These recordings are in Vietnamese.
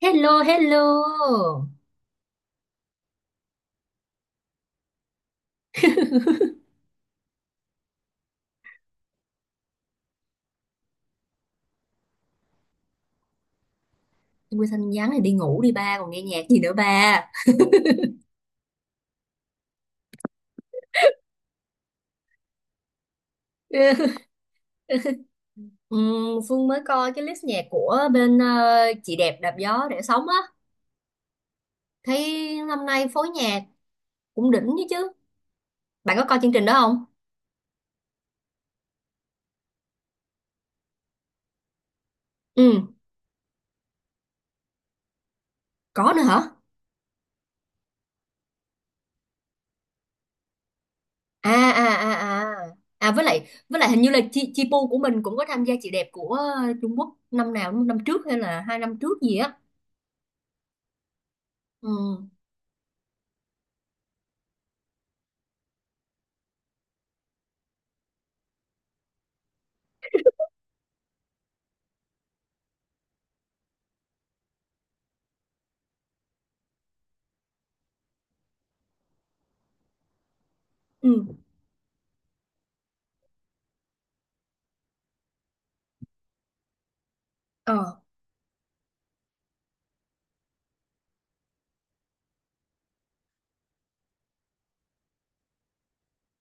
Hello, hello. Quê xanh nhắn thì đi ngủ đi ba, còn nghe nhạc gì nữa ba. Phương mới coi cái list nhạc của bên chị đẹp đạp gió để sống á. Thấy năm nay phối nhạc cũng đỉnh chứ chứ. Bạn có coi chương trình đó không? Ừ, có nữa hả? À à à à. À, với lại hình như là chi chi pu của mình cũng có tham gia chị đẹp của Trung Quốc năm nào, năm trước hay là 2 năm trước gì á. Ừ. Ừ. Ờ.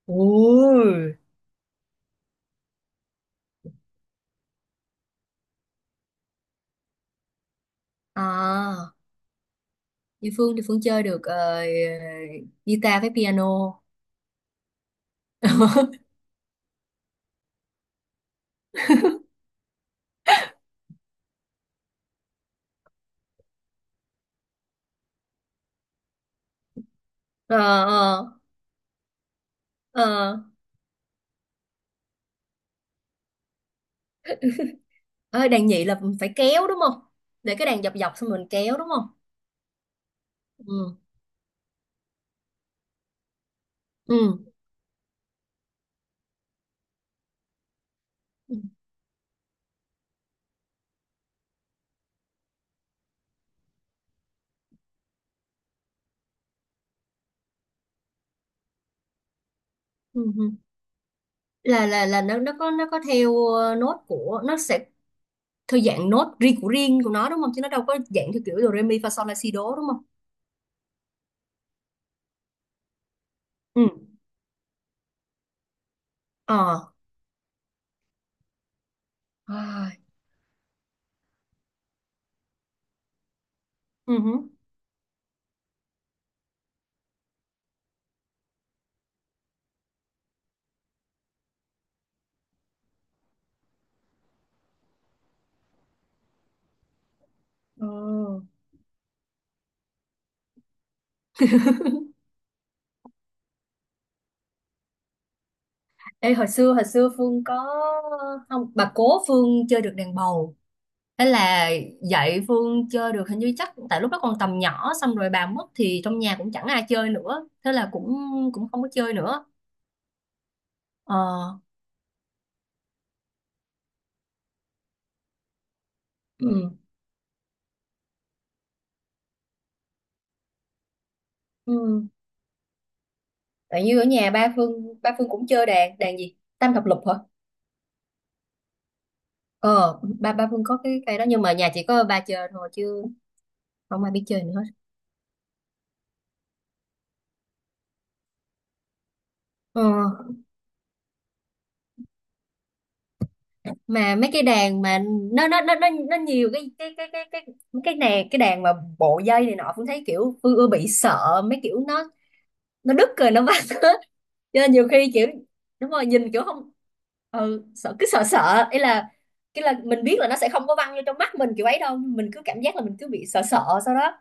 Ôi. À. Như Phương thì Phương chơi được guitar với piano. Ờ, ờ, ờ. Ê, đàn nhị là phải kéo đúng không? Để cái đàn dọc dọc xong mình kéo đúng không? Ừ. Ừ. Ừ. Ừ. Ừ. Là nó có theo nốt của nó sẽ theo dạng nốt riêng của nó đúng không? Chứ nó đâu có dạng theo kiểu do re mi fa sol la si đố đúng không? Ừ. Ờ. À. Ừ hứ. Ờ. Ê, hồi xưa Phương có, không, bà cố Phương chơi được đàn bầu. Thế là dạy Phương chơi được, hình như chắc tại lúc đó còn tầm nhỏ xong rồi bà mất thì trong nhà cũng chẳng ai chơi nữa, thế là cũng cũng không có chơi nữa. Ờ. Ừ. Ừ. Tại như ở nhà ba Phương cũng chơi đàn đàn gì tam thập lục hả. Ờ ba ba Phương có cái cây đó nhưng mà nhà chỉ có ba chơi thôi chứ không ai biết chơi nữa hết. Ờ mà mấy cái đàn mà nó nhiều cái này, cái đàn mà bộ dây này nọ, Phương thấy kiểu Phương ưa bị sợ mấy kiểu nó đứt rồi nó vắt hết, cho nên nhiều khi kiểu đúng rồi nhìn kiểu không, ừ, sợ cứ sợ sợ ấy. Là cái là mình biết là nó sẽ không có văng vô trong mắt mình kiểu ấy đâu, mình cứ cảm giác là mình cứ bị sợ sợ sau đó.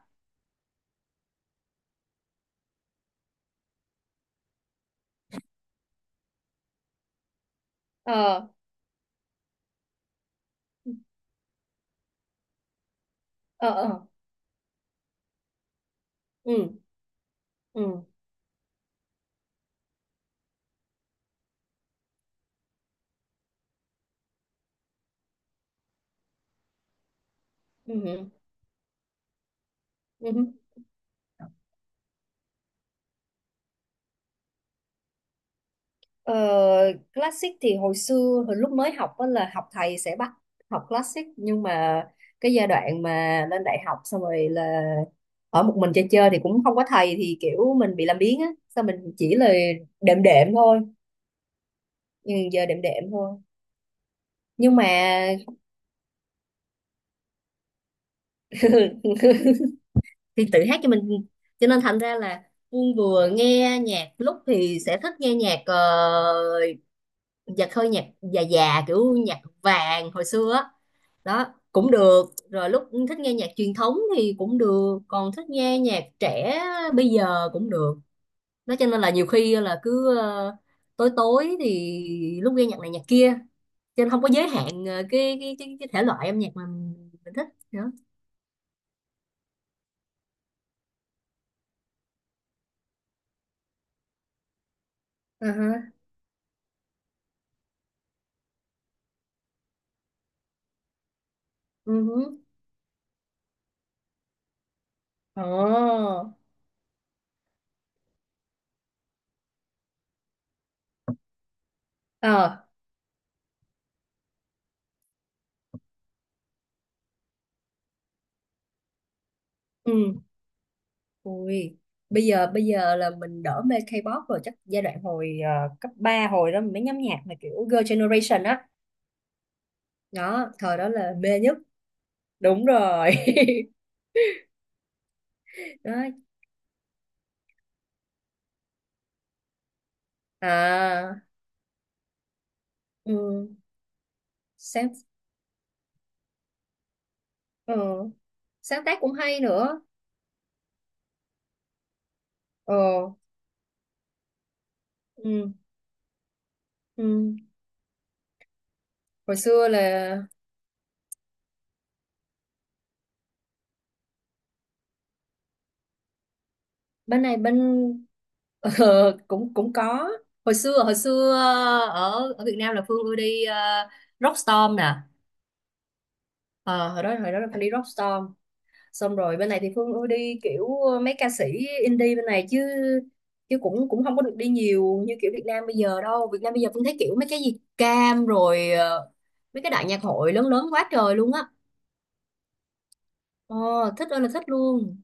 Ờ. Ờ. Ờ. Ừ. Ừ. Ừ. Ừ, ừ. Ừ. Ờ, classic thì hồi lúc mới học á là học thầy sẽ bắt học classic, nhưng mà cái giai đoạn mà lên đại học xong rồi là ở một mình chơi chơi thì cũng không có thầy, thì kiểu mình bị làm biếng á sao, mình chỉ là đệm đệm thôi. Ừ, giờ đệm đệm thôi. Nhưng mà thì tự hát cho mình, cho nên thành ra là Phương vừa nghe nhạc lúc thì sẽ thích nghe nhạc nhạc hơi nhạc già già kiểu nhạc vàng hồi xưa á đó, cũng được. Rồi lúc thích nghe nhạc truyền thống thì cũng được, còn thích nghe nhạc trẻ bây giờ cũng được. Đó cho nên là nhiều khi là cứ tối tối thì lúc nghe nhạc này nhạc kia, cho nên không có giới hạn cái thể loại âm nhạc mà mình thích nữa. Uh-huh. uh Ồ. Ờ. Ừ. Ui, bây giờ là mình đỡ mê K-pop rồi, chắc giai đoạn hồi cấp 3 hồi đó mình mới nhắm nhạc mà kiểu Girl Generation á đó. Thời đó là mê nhất. Đúng rồi. Đó. À. Ừ. Sáng. Ừ, sáng tác cũng hay nữa. Ờ. Ừ. Ừ. Hồi xưa là bên này bên. Ờ, cũng cũng có. Hồi xưa ở ở Việt Nam là Phương ưa đi Rockstorm nè. Ờ, hồi đó là Phương đi Rockstorm, xong rồi bên này thì Phương ưa đi kiểu mấy ca sĩ indie bên này chứ chứ cũng cũng không có được đi nhiều như kiểu Việt Nam bây giờ đâu. Việt Nam bây giờ Phương thấy kiểu mấy cái gì cam rồi mấy cái đại nhạc hội lớn lớn quá trời luôn á. Ờ, thích ơi là thích luôn.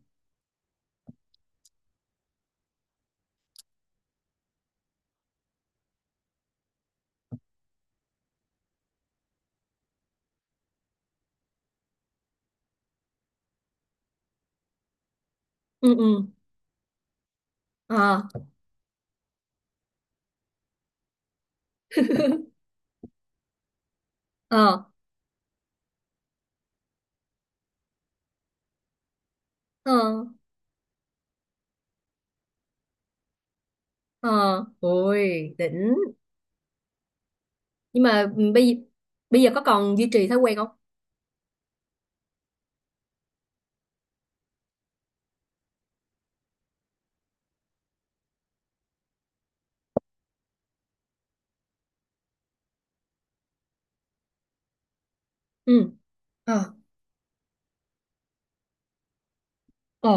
Ừ. Ừ. Ờ. Ờ. Ờ. Ờ. Ôi đỉnh. Nhưng mà bây bây giờ có còn duy trì thói quen không? Ừ. Ờ. Ờ.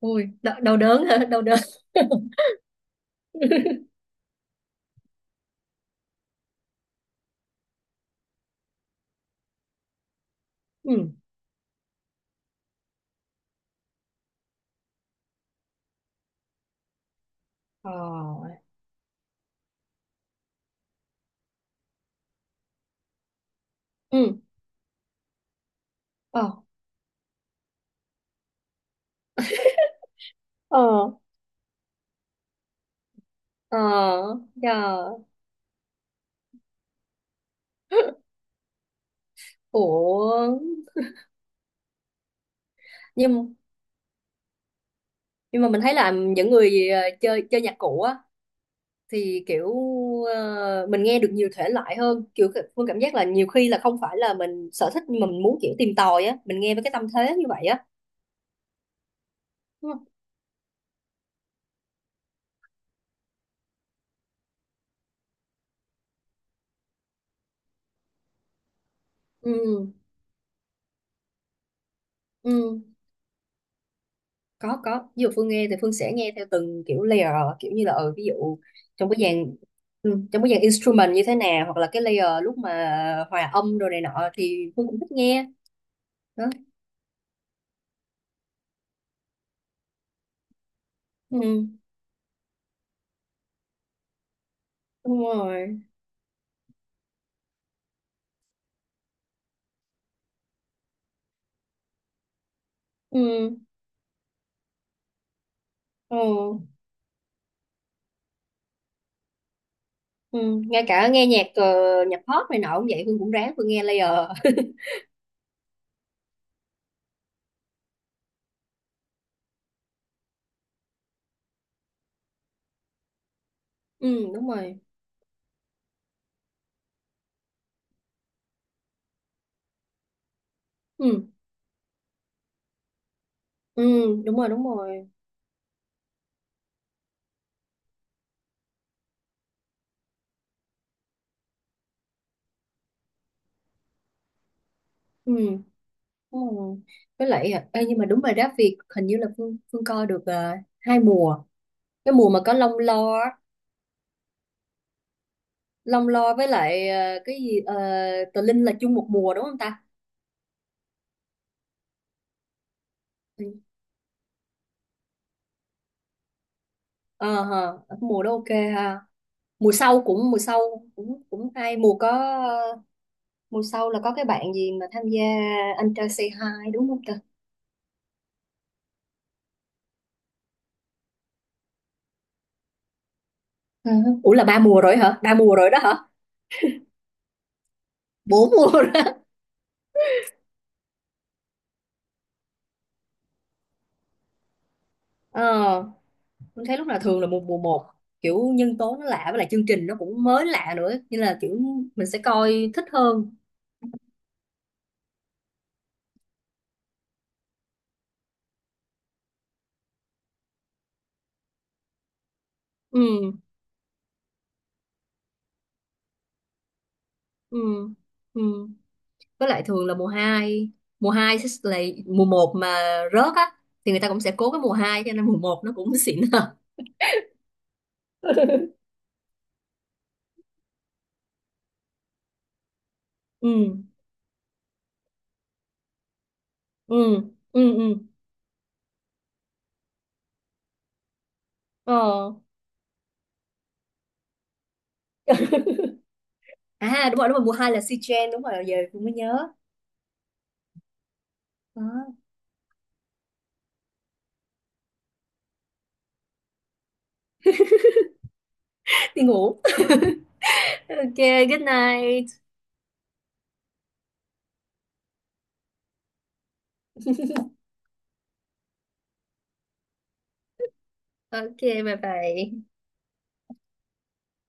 Ôi đau, đau đớn hả, đau đớn. Ừ. Ờ. Ừ. Ờ. Ờ. Ờ. Trời. Ủa. Nhưng nhưng mà mình thấy là những người chơi chơi nhạc cụ á thì kiểu mình nghe được nhiều thể loại hơn kiểu Phương cảm giác là nhiều khi là không phải là mình sở thích, nhưng mà mình muốn kiểu tìm tòi á, mình nghe với cái tâm thế như vậy á, đúng không? Ừ. Ừ. Có ví dụ Phương nghe thì Phương sẽ nghe theo từng kiểu layer, kiểu như là ví dụ trong cái dàn trong cái dàn instrument như thế nào, hoặc là cái layer lúc mà hòa âm rồi này nọ thì Phương cũng thích nghe. Đó. Ừ. Đúng rồi. Ừ. Ừ, ừ. Ngay cả nghe nhạc nhạc pop này nọ cũng vậy, Hương cũng ráng Hương nghe layer. Ừ. Đúng rồi. Ừ. Ừ. Đúng rồi. Đúng rồi. Ừ. Đúng rồi. Với lại ê, nhưng mà đúng rồi đó, Việt hình như là Phương Phương coi được hai mùa. Cái mùa mà có Long Lo á, Long Lo với lại cái gì Tờ Linh là chung một mùa đúng không ta? Ừ. Ờ hờ, mùa đó ok. Ha, mùa sau cũng cũng hay mùa có. Mùa sau là có cái bạn gì mà tham gia Anh trai Say Hi đúng không ta? Ờ. Ủa là ba mùa rồi hả? Ba mùa rồi đó hả? Bốn mùa rồi. Ờ, mình thấy lúc nào thường là mùa một kiểu nhân tố nó lạ, với lại chương trình nó cũng mới lạ nữa nên là kiểu mình sẽ coi thích hơn. Ừ, ừ, ừ. Với lại thường là mùa hai sẽ là mùa một mà rớt á, thì người ta cũng sẽ cố cái mùa hai cho nên mùa một nó cũng xịn hơn. Ừ, ừ, ừ, ừ. Ờ. À đúng rồi, mùa 2 là Sichuan, đúng rồi, giờ cũng mới nhớ. Đó. Đi ngủ. Ok, good night. Ok, bye bye.